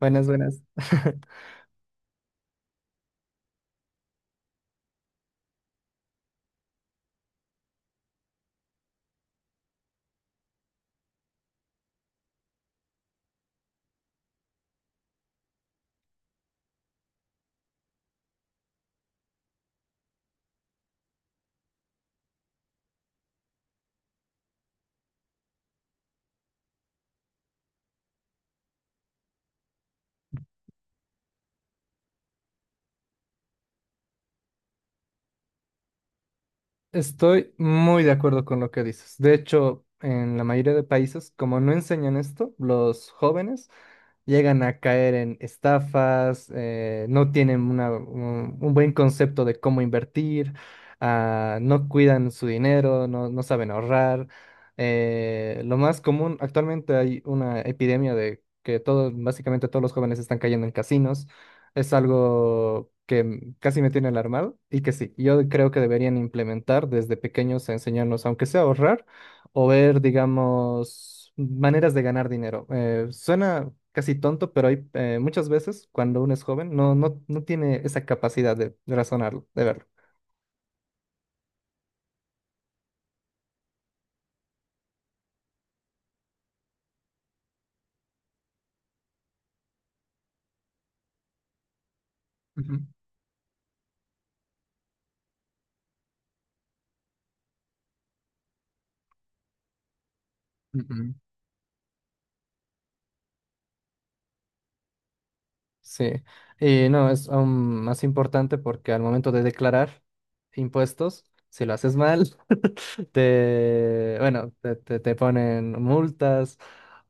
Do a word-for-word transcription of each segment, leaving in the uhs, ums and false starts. Buenas, buenas. Estoy muy de acuerdo con lo que dices. De hecho, en la mayoría de países, como no enseñan esto, los jóvenes llegan a caer en estafas, eh, no tienen una- un, un buen concepto de cómo invertir, ah, no cuidan su dinero, no, no saben ahorrar. Eh, lo más común, actualmente hay una epidemia de que todos, básicamente todos los jóvenes están cayendo en casinos. Es algo que m- casi me tiene alarmado y que sí, yo creo que deberían implementar desde pequeños a enseñarnos, aunque sea a ahorrar o ver, digamos, maneras de ganar dinero. Eh, suena casi tonto, pero hay eh, muchas veces cuando uno es joven no, no, no tiene esa capacidad de, de razonarlo, de verlo. Ujú, ujú. Sí, y no, es aún más importante porque al momento de declarar impuestos, si lo haces mal, te, bueno, te, te- te ponen multas,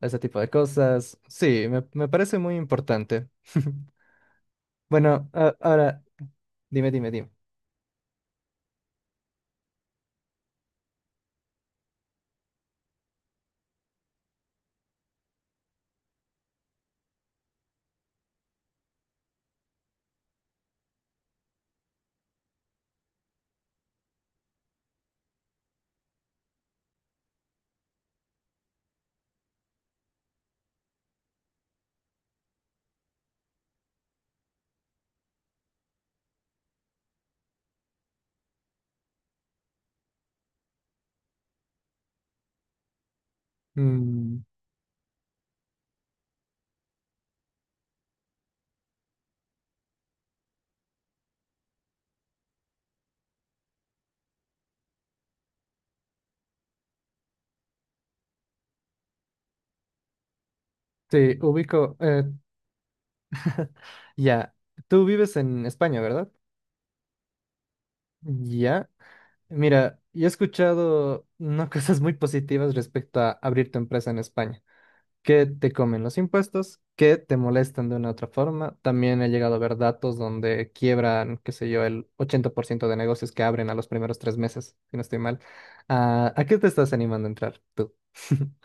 ese tipo de cosas. Sí, me, me parece muy importante. Bueno, a- ahora, dime, dime, dime. Mm, sí, ubico. eh, ya, tú vives en España, ¿verdad? Ya. Mira, yo he escuchado no cosas muy positivas respecto a abrir tu empresa en España. Que te comen los impuestos, que te molestan de una u otra forma. También he llegado a ver datos donde quiebran, qué sé yo, el ochenta por ciento de negocios que abren a los primeros tres meses, si no estoy mal. Ah, ¿a qué te estás animando a entrar tú?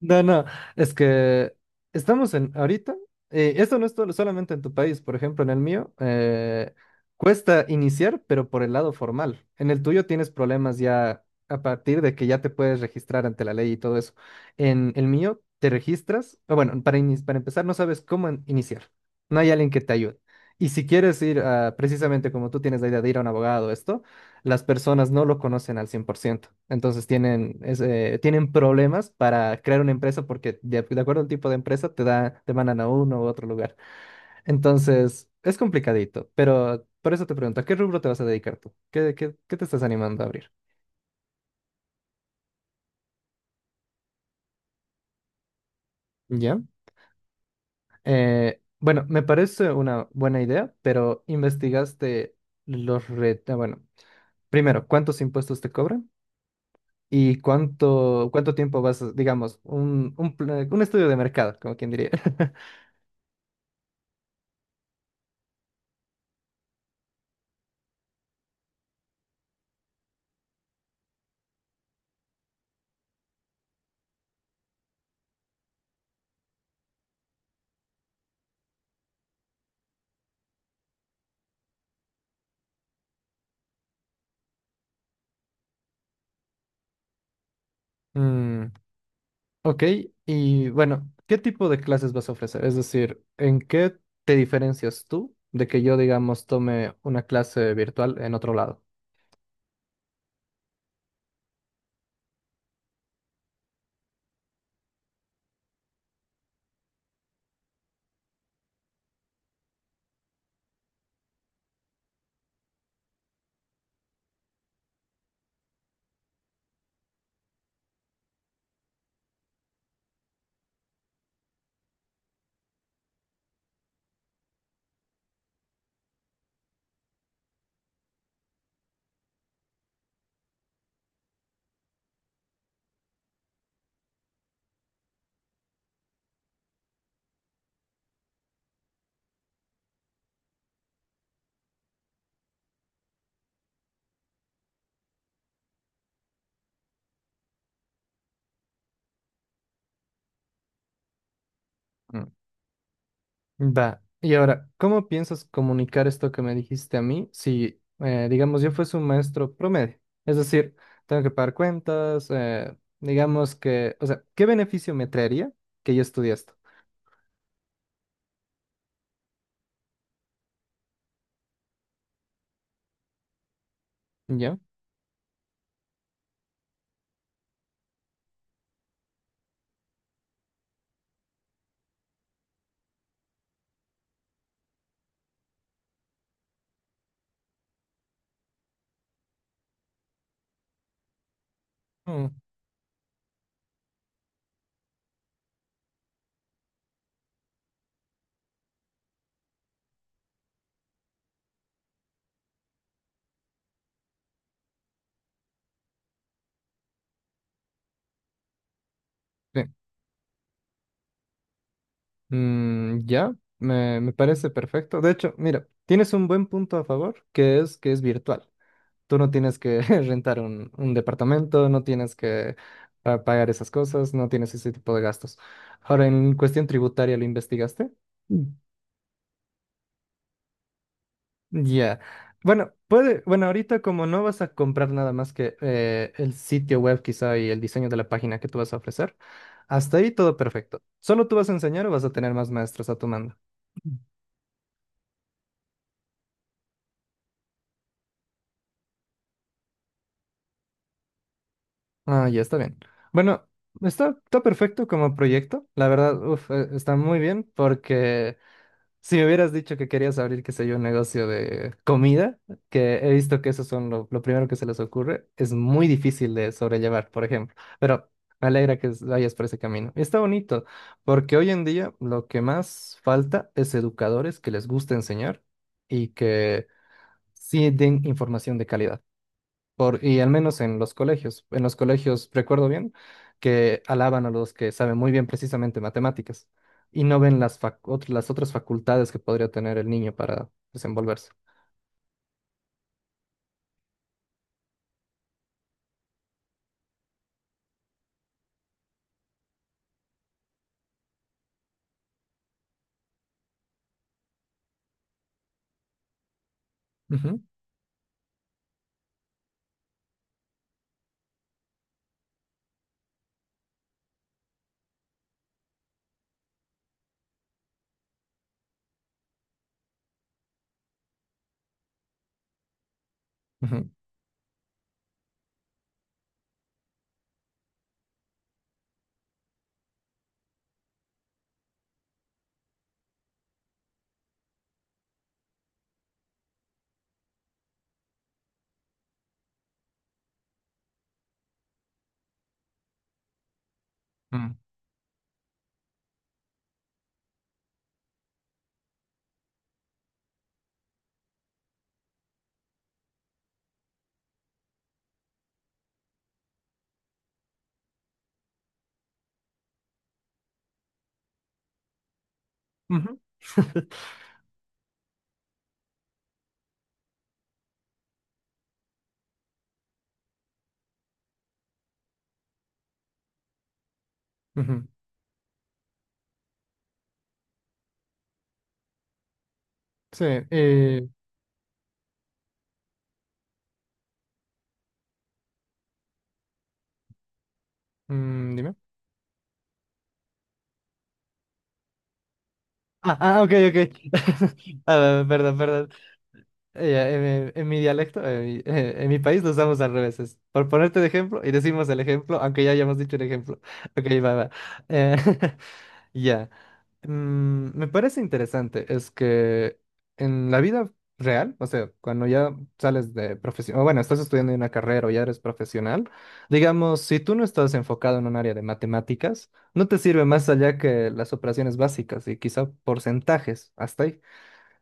No, no, es que estamos en ahorita, eh, esto no es todo- solamente en tu país, por ejemplo, en el mío, eh, cuesta iniciar, pero por el lado formal. En el tuyo tienes problemas ya a partir de que ya te puedes registrar ante la ley y todo eso. En el mío te registras, o bueno, para, ini- para empezar no sabes cómo in- iniciar, no hay alguien que te ayude. Y si quieres ir a, precisamente como tú tienes la idea de ir a un abogado, esto las personas no lo conocen al cien por ciento. Entonces tienen, es, eh, tienen problemas para crear una empresa porque de, de acuerdo al tipo de empresa te da, te mandan a uno u otro lugar. Entonces es complicadito, pero por eso te pregunto, ¿a qué rubro te vas a dedicar tú? ¿Qué, qué, qué te estás animando a abrir? ¿Ya? Eh, bueno, me parece una buena idea, pero investigaste los retos. Bueno, primero, ¿cuántos impuestos te cobran? ¿Y cuánto, cuánto tiempo vas, a- digamos, un, un, pla- un estudio de mercado, como quien diría? Mm, ok, y bueno, ¿qué tipo de clases vas a ofrecer? Es decir, ¿en qué te diferencias tú de que yo, digamos, tome una clase virtual en otro lado? Mm. Va, y ahora, ¿cómo piensas comunicar esto que me dijiste a mí si, eh, digamos, yo fuese un maestro promedio? Es decir, tengo que pagar cuentas, eh, digamos que, o sea, ¿qué beneficio me traería que yo estudie esto? ¿Ya? Mm, sí. Mm, ya, me, me parece perfecto. De hecho, mira, tienes un buen punto a favor, que es que es virtual. Tú no tienes que rentar un, un departamento, no tienes que ah, pagar esas cosas, no tienes ese tipo de gastos. Ahora, en cuestión tributaria, ¿lo investigaste? Mm. Ya. Bueno, puede, bueno, ahorita como no vas a comprar nada más que eh, el sitio web quizá y el diseño de la página que tú vas a ofrecer, hasta ahí todo perfecto. ¿Solo tú vas a enseñar o vas a tener más maestros a tu mando? Ah, ya está bien. Bueno, está, está perfecto como proyecto. La verdad, uf, eh, está muy bien porque si me hubieras dicho que querías abrir, qué sé yo, un negocio de comida, que he visto que eso son lo, lo primero que se les ocurre, es muy difícil de sobrellevar, por ejemplo. Pero me alegra que s- vayas por ese camino. Y está bonito porque hoy en día lo que más falta es educadores que les guste enseñar y que sí den información de calidad. Por, y al menos en los colegios. En los colegios, recuerdo bien, que alaban a los que saben muy bien precisamente matemáticas y no ven las, fac- ot- las otras facultades que podría tener el niño para desenvolverse. Ujú, ujú, mm, ujú, ujú. Sí, eh, mm, dime. Ah, ah, ok, ok. Ah, perdón, perdón. Eh, ya, en, en- en mi dialecto, en mi, eh, en mi país lo usamos al revés. Es por ponerte de ejemplo y decimos el ejemplo, aunque ya hayamos dicho el ejemplo. Ok, va, va. Eh, Ya, Mm, me parece interesante, es que en la vida real, o sea, cuando ya sales de profesión, bueno, estás estudiando una carrera o ya eres profesional, digamos, si tú no estás enfocado en un área de matemáticas, no te sirve más allá que las operaciones básicas y quizá porcentajes, hasta ahí.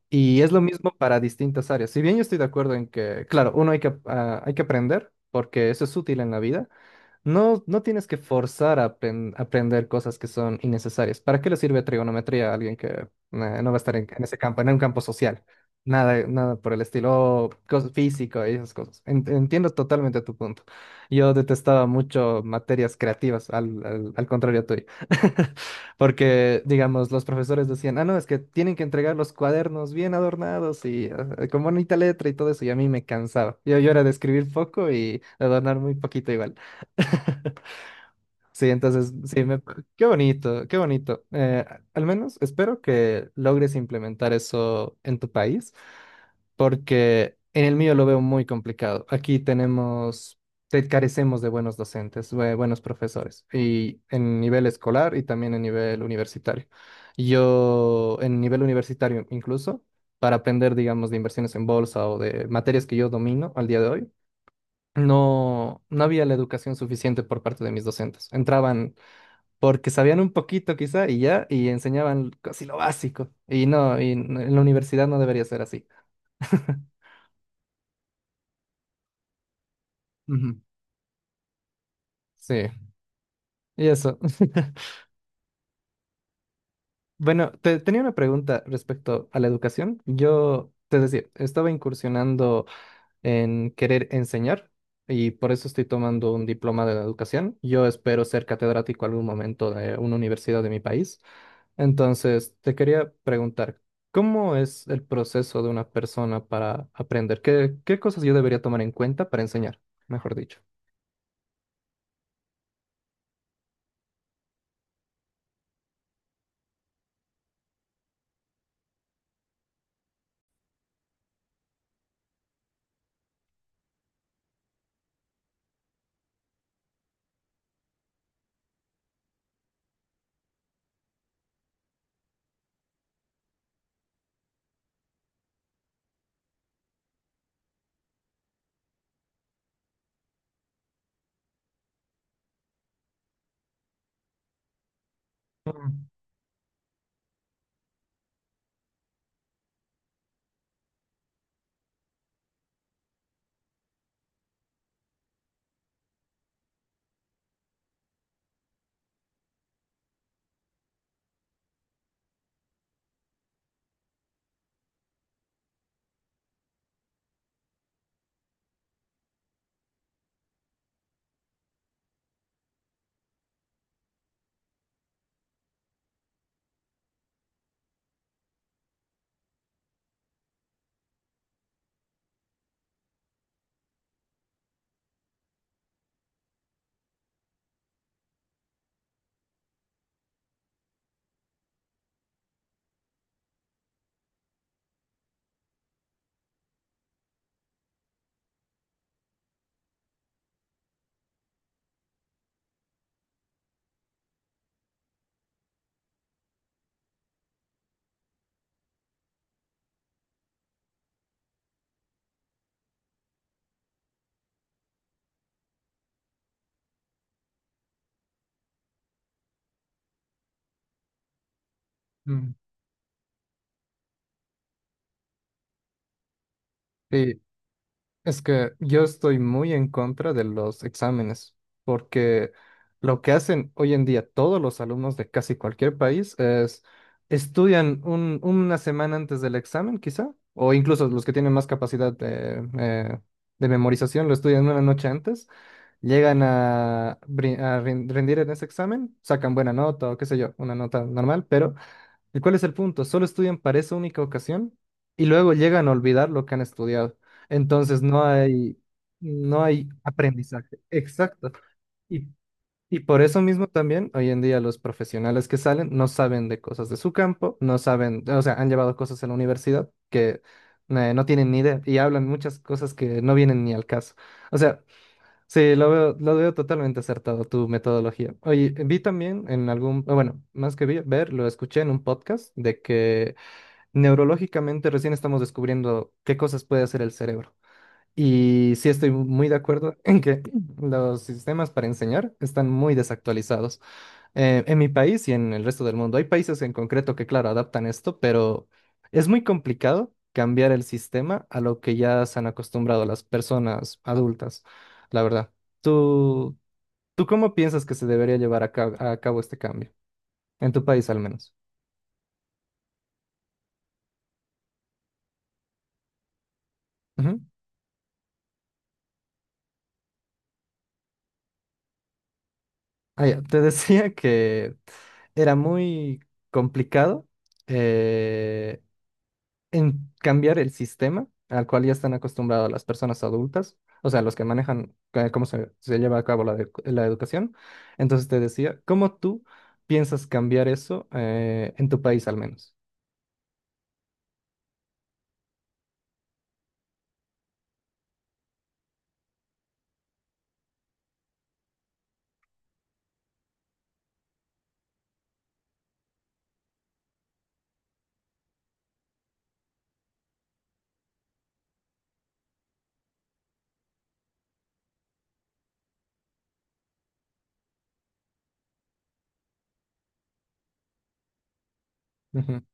Y es lo mismo para distintas áreas. Si bien yo estoy de acuerdo en que, claro, uno hay que, ah, hay que aprender porque eso es útil en la vida. No, no tienes que forzar a apren- aprender cosas que son innecesarias. ¿Para qué le sirve trigonometría a alguien que eh, no va a estar en, en ese campo, en un campo social? Nada, nada por el estilo, o cos- físico y esas cosas. En- Entiendo totalmente tu punto. Yo detestaba mucho materias creativas, al, al, al contrario tuyo. Porque, digamos, los profesores decían, ah, no, es que tienen que entregar los cuadernos bien adornados y eh, con bonita letra y todo eso, y a mí me cansaba. Yo, yo era de escribir poco y adornar muy poquito igual. Sí, entonces, sí, me- qué bonito, qué bonito. Eh, al menos espero que logres implementar eso en tu país, porque en el mío lo veo muy complicado. Aquí tenemos, te- carecemos de buenos docentes, bue- buenos profesores, y en nivel escolar y también en nivel universitario. Yo, en nivel universitario incluso, para aprender, digamos, de inversiones en bolsa o de materias que yo domino al día de hoy. No, no había la educación suficiente por parte de mis docentes. Entraban porque sabían un poquito quizá y ya, y enseñaban casi lo básico. Y no, y n- en la universidad no debería ser así. Ujú. Sí, y eso. Bueno, te, tenía una pregunta respecto a la educación. Yo, es decir, estaba incursionando en querer enseñar y por eso estoy tomando un diploma de educación. Yo espero ser catedrático algún momento de una universidad de mi país. Entonces, te quería preguntar, ¿cómo es el proceso de una persona para aprender? ¿Qué, qué, cosas yo debería tomar en cuenta para enseñar, mejor dicho? Mm, mm. Y Es que yo estoy muy en contra de los exámenes, porque lo que hacen hoy en día todos los alumnos de casi cualquier país es estudian un- una semana antes del examen, quizá, o incluso los que tienen más capacidad de, eh, de memorización lo estudian una noche antes, llegan a, brin- a rin- rendir en ese examen, sacan buena nota o qué sé yo, una nota normal, pero ¿y cuál es el punto? Solo estudian para esa única ocasión y luego llegan a olvidar lo que han estudiado. Entonces no hay, no hay aprendizaje. Exacto. Y, y por eso mismo también, hoy en día los profesionales que salen no saben de cosas de su campo, no saben, o sea, han llevado cosas en la universidad que eh, no tienen ni idea y hablan muchas cosas que no vienen ni al caso. O sea, sí, lo veo, lo veo totalmente acertado tu metodología. Oye, vi también en algún, o bueno, más que vi- ver, lo escuché en un podcast de que neurológicamente recién estamos descubriendo qué cosas puede hacer el cerebro. Y sí estoy muy de acuerdo en que los sistemas para enseñar están muy desactualizados eh, en mi país y en el resto del mundo. Hay países en concreto que, claro, adaptan esto, pero es muy complicado cambiar el sistema a lo que ya se han acostumbrado las personas adultas, la verdad. ¿Tú, tú cómo piensas que se debería llevar a cabo, a cabo este cambio? En tu país, al menos. Ujú. Ah, ya, te decía que era muy complicado. eh, en cambiar el sistema al cual ya están acostumbradas las personas adultas, o sea, los que manejan eh, cómo se, se lleva a cabo la, edu- la educación. Entonces te decía, ¿cómo tú piensas cambiar eso eh, en tu país al menos? Ujú,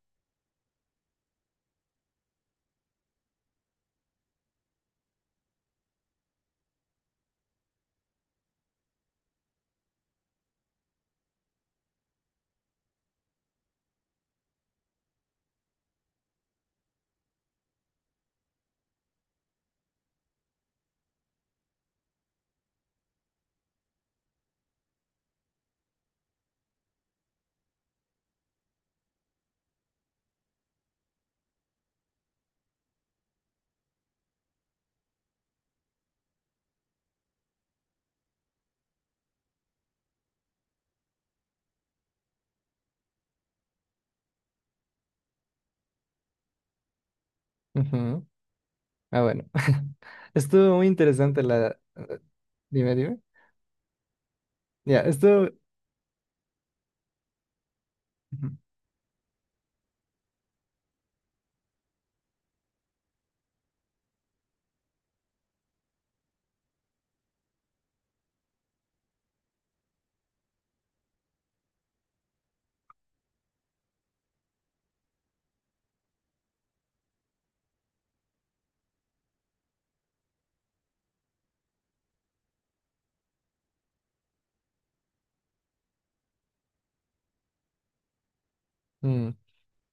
ujú. Ah, bueno. Estuvo muy interesante la... eh, Dime, dime. Ya, esto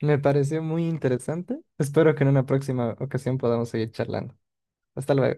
me pareció muy interesante. Espero que en una próxima ocasión podamos seguir charlando. Hasta luego.